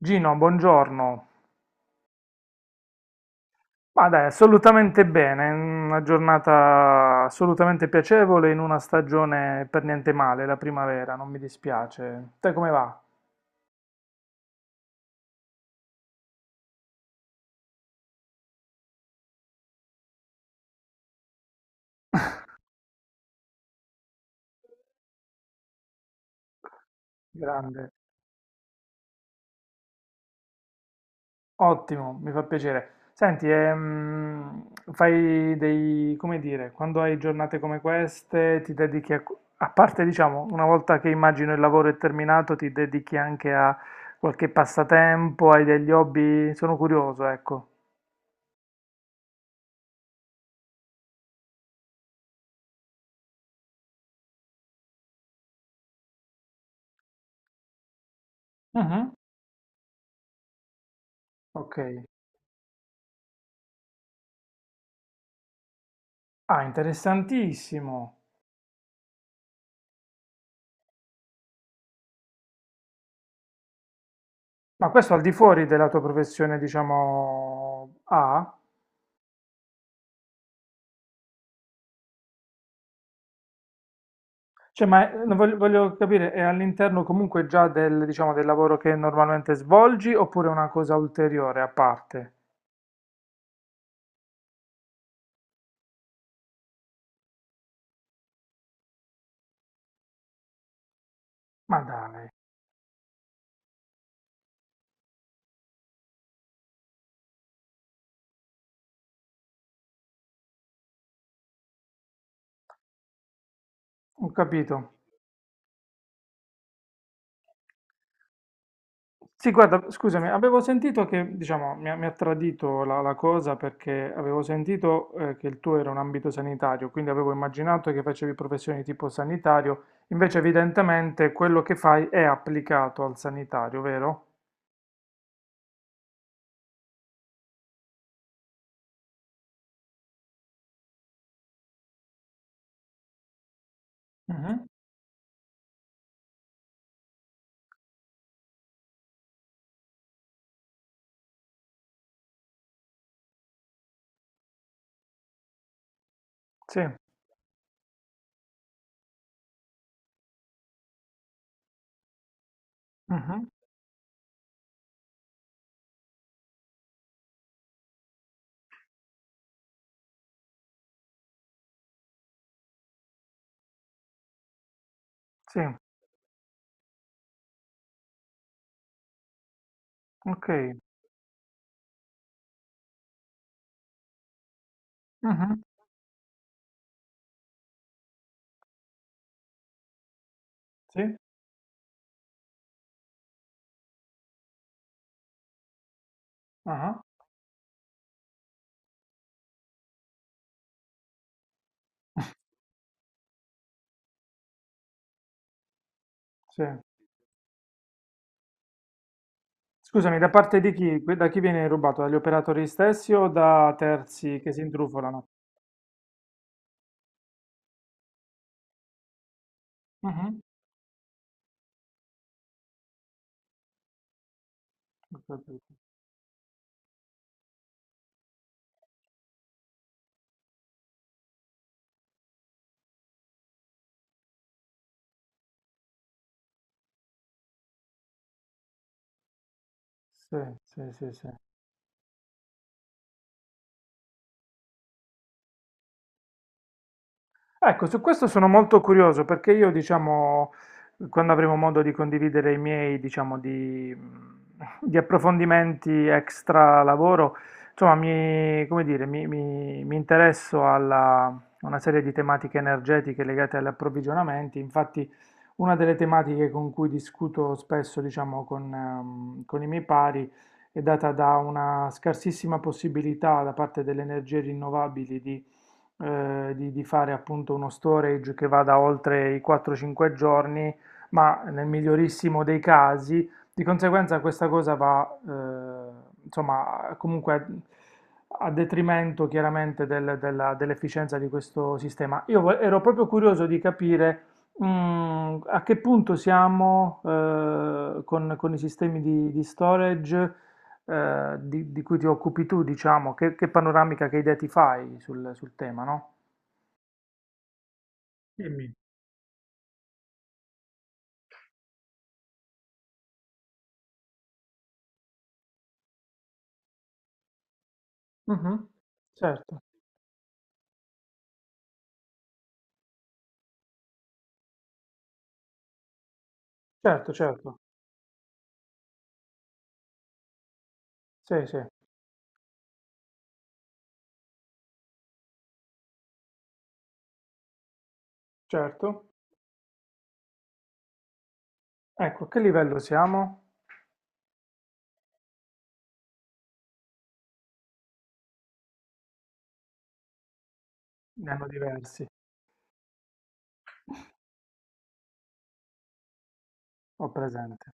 Gino, buongiorno. Ma dai, assolutamente bene, una giornata assolutamente piacevole in una stagione per niente male, la primavera, non mi dispiace. Te come va? Grande. Ottimo, mi fa piacere. Senti, fai dei, come dire, quando hai giornate come queste, ti dedichi a, a parte, diciamo, una volta che immagino il lavoro è terminato, ti dedichi anche a qualche passatempo, hai degli hobby? Sono curioso, ecco. Mhm. Ok. Ah, interessantissimo. Ma questo al di fuori della tua professione, diciamo, A? Cioè, ma non voglio, voglio capire, è all'interno comunque già del, diciamo, del lavoro che normalmente svolgi oppure è una cosa ulteriore a parte? Ma dai, ho capito. Sì, guarda, scusami, avevo sentito che, diciamo, mi ha tradito la, la cosa perché avevo sentito che il tuo era un ambito sanitario, quindi avevo immaginato che facevi professioni di tipo sanitario, invece evidentemente quello che fai è applicato al sanitario, vero? Mhm. Sì, mhm. Sì, ok. Mhm. Sì, ah, sì. Scusami, da parte di chi? Que- Da chi viene rubato? Dagli operatori stessi o da terzi che si intrufolano? Mhm, ho capito. Sì, sì, sì, sì. Ecco, su questo sono molto curioso perché io, diciamo, quando avremo modo di condividere i miei, diciamo, di, di approfondimenti extra lavoro, insomma, mi, come dire, mi interesso alla, a una serie di tematiche energetiche legate agli approvvigionamenti. Infatti, una delle tematiche con cui discuto spesso, diciamo, con i miei pari è data da una scarsissima possibilità da parte delle energie rinnovabili di di fare appunto uno storage che vada oltre i 4-5 giorni, ma nel migliorissimo dei casi, di conseguenza questa cosa va, insomma, comunque a, a detrimento chiaramente del- della- dell'efficienza di questo sistema. Io vo- ero proprio curioso di capire a che punto siamo con i sistemi di storage di cui ti occupi tu, diciamo, che panoramica, che idea ti fai sul, sul tema, no? Dimmi. Mhm. Certo, certo, certo, sì, sì, certo. Ecco, a che livello siamo? Ne hanno diversi, ho presente.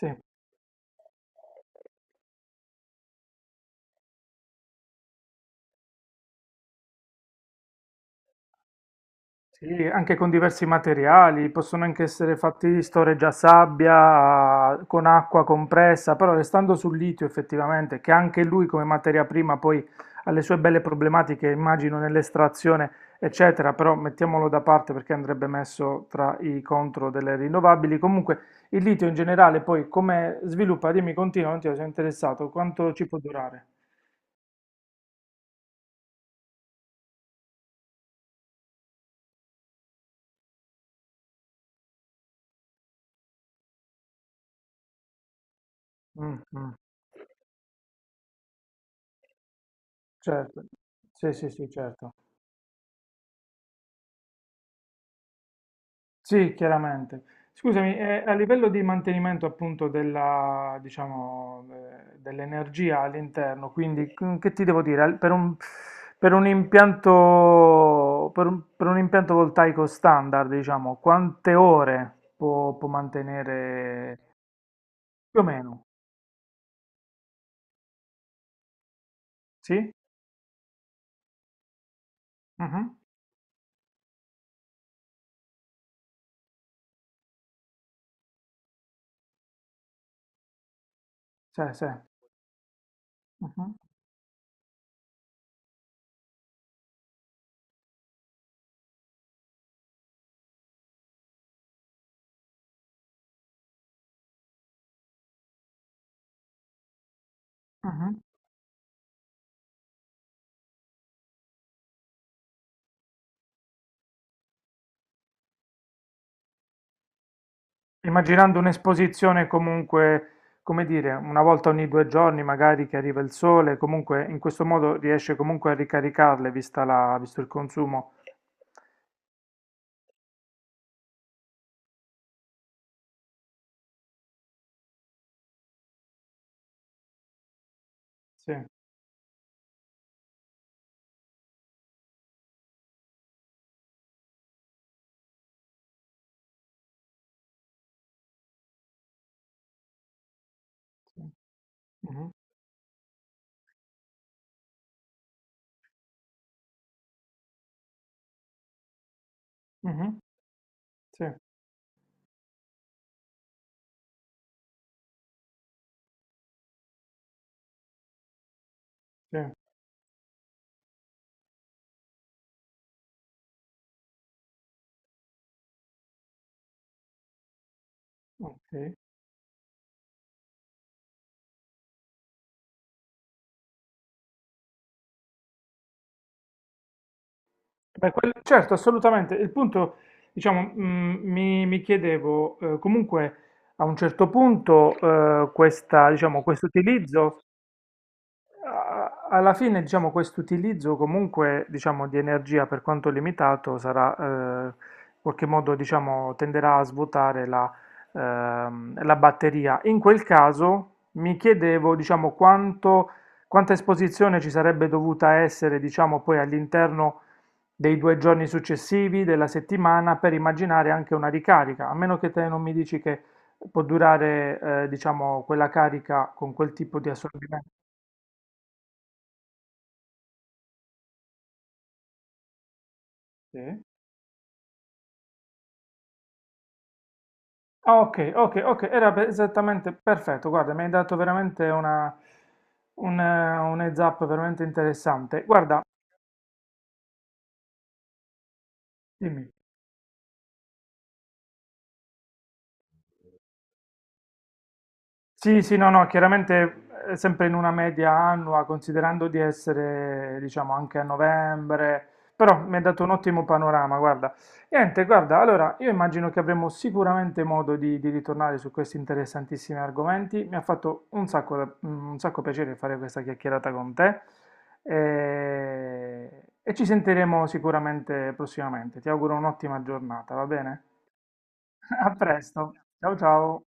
Sì. Sì, anche con diversi materiali, possono anche essere fatti di storeggiasabbia, con acqua compressa, però restando sul litio effettivamente, che anche lui come materia prima poi ha le sue belle problematiche, immagino, nell'estrazione, eccetera, però mettiamolo da parte perché andrebbe messo tra i contro delle rinnovabili. Comunque il litio in generale poi come sviluppa, dimmi, continua, non ti sono interessato, quanto ci può durare? Mm, mm, certo, sì, sì, sì, certo. Sì, chiaramente. Scusami, a livello di mantenimento appunto della, diciamo, dell'energia all'interno, quindi c- che ti devo dire? Al- per un impianto voltaico standard, diciamo, quante ore può, può mantenere più o meno? Sì? Mhm. Sì, sì. Mhm. Mhm. Immaginando un'esposizione comunque, come dire, una volta ogni due giorni magari che arriva il sole, comunque in questo modo riesce comunque a ricaricarle vista la, visto il consumo. Sì, sì. Mhm, mhm. Sì, sì, ok. Beh, quel- certo, assolutamente. Il punto, diciamo, mi, mi chiedevo, comunque a un certo punto questa, diciamo, questo utilizzo. A- Alla fine, diciamo, questo utilizzo comunque, diciamo, di energia per quanto limitato sarà, in qualche modo, diciamo, tenderà a svuotare la, la batteria. In quel caso mi chiedevo, diciamo, quanto, quanta esposizione ci sarebbe dovuta essere, diciamo, poi all'interno dei due giorni successivi della settimana per immaginare anche una ricarica, a meno che te non mi dici che può durare, diciamo, quella carica con quel tipo di assorbimento. Sì. Ah, ok, ok, ok, era per- esattamente perfetto. Guarda, mi hai dato veramente una, un heads up veramente interessante. Guarda, dimmi. Sì, sì, no, no, chiaramente sempre in una media annua, considerando di essere, diciamo, anche a novembre, però mi ha dato un ottimo panorama, guarda. Niente, guarda, allora io immagino che avremo sicuramente modo di ritornare su questi interessantissimi argomenti. Mi ha fatto un sacco, da- un sacco piacere fare questa chiacchierata con te e ci sentiremo sicuramente prossimamente. Ti auguro un'ottima giornata, va bene? A presto, ciao ciao.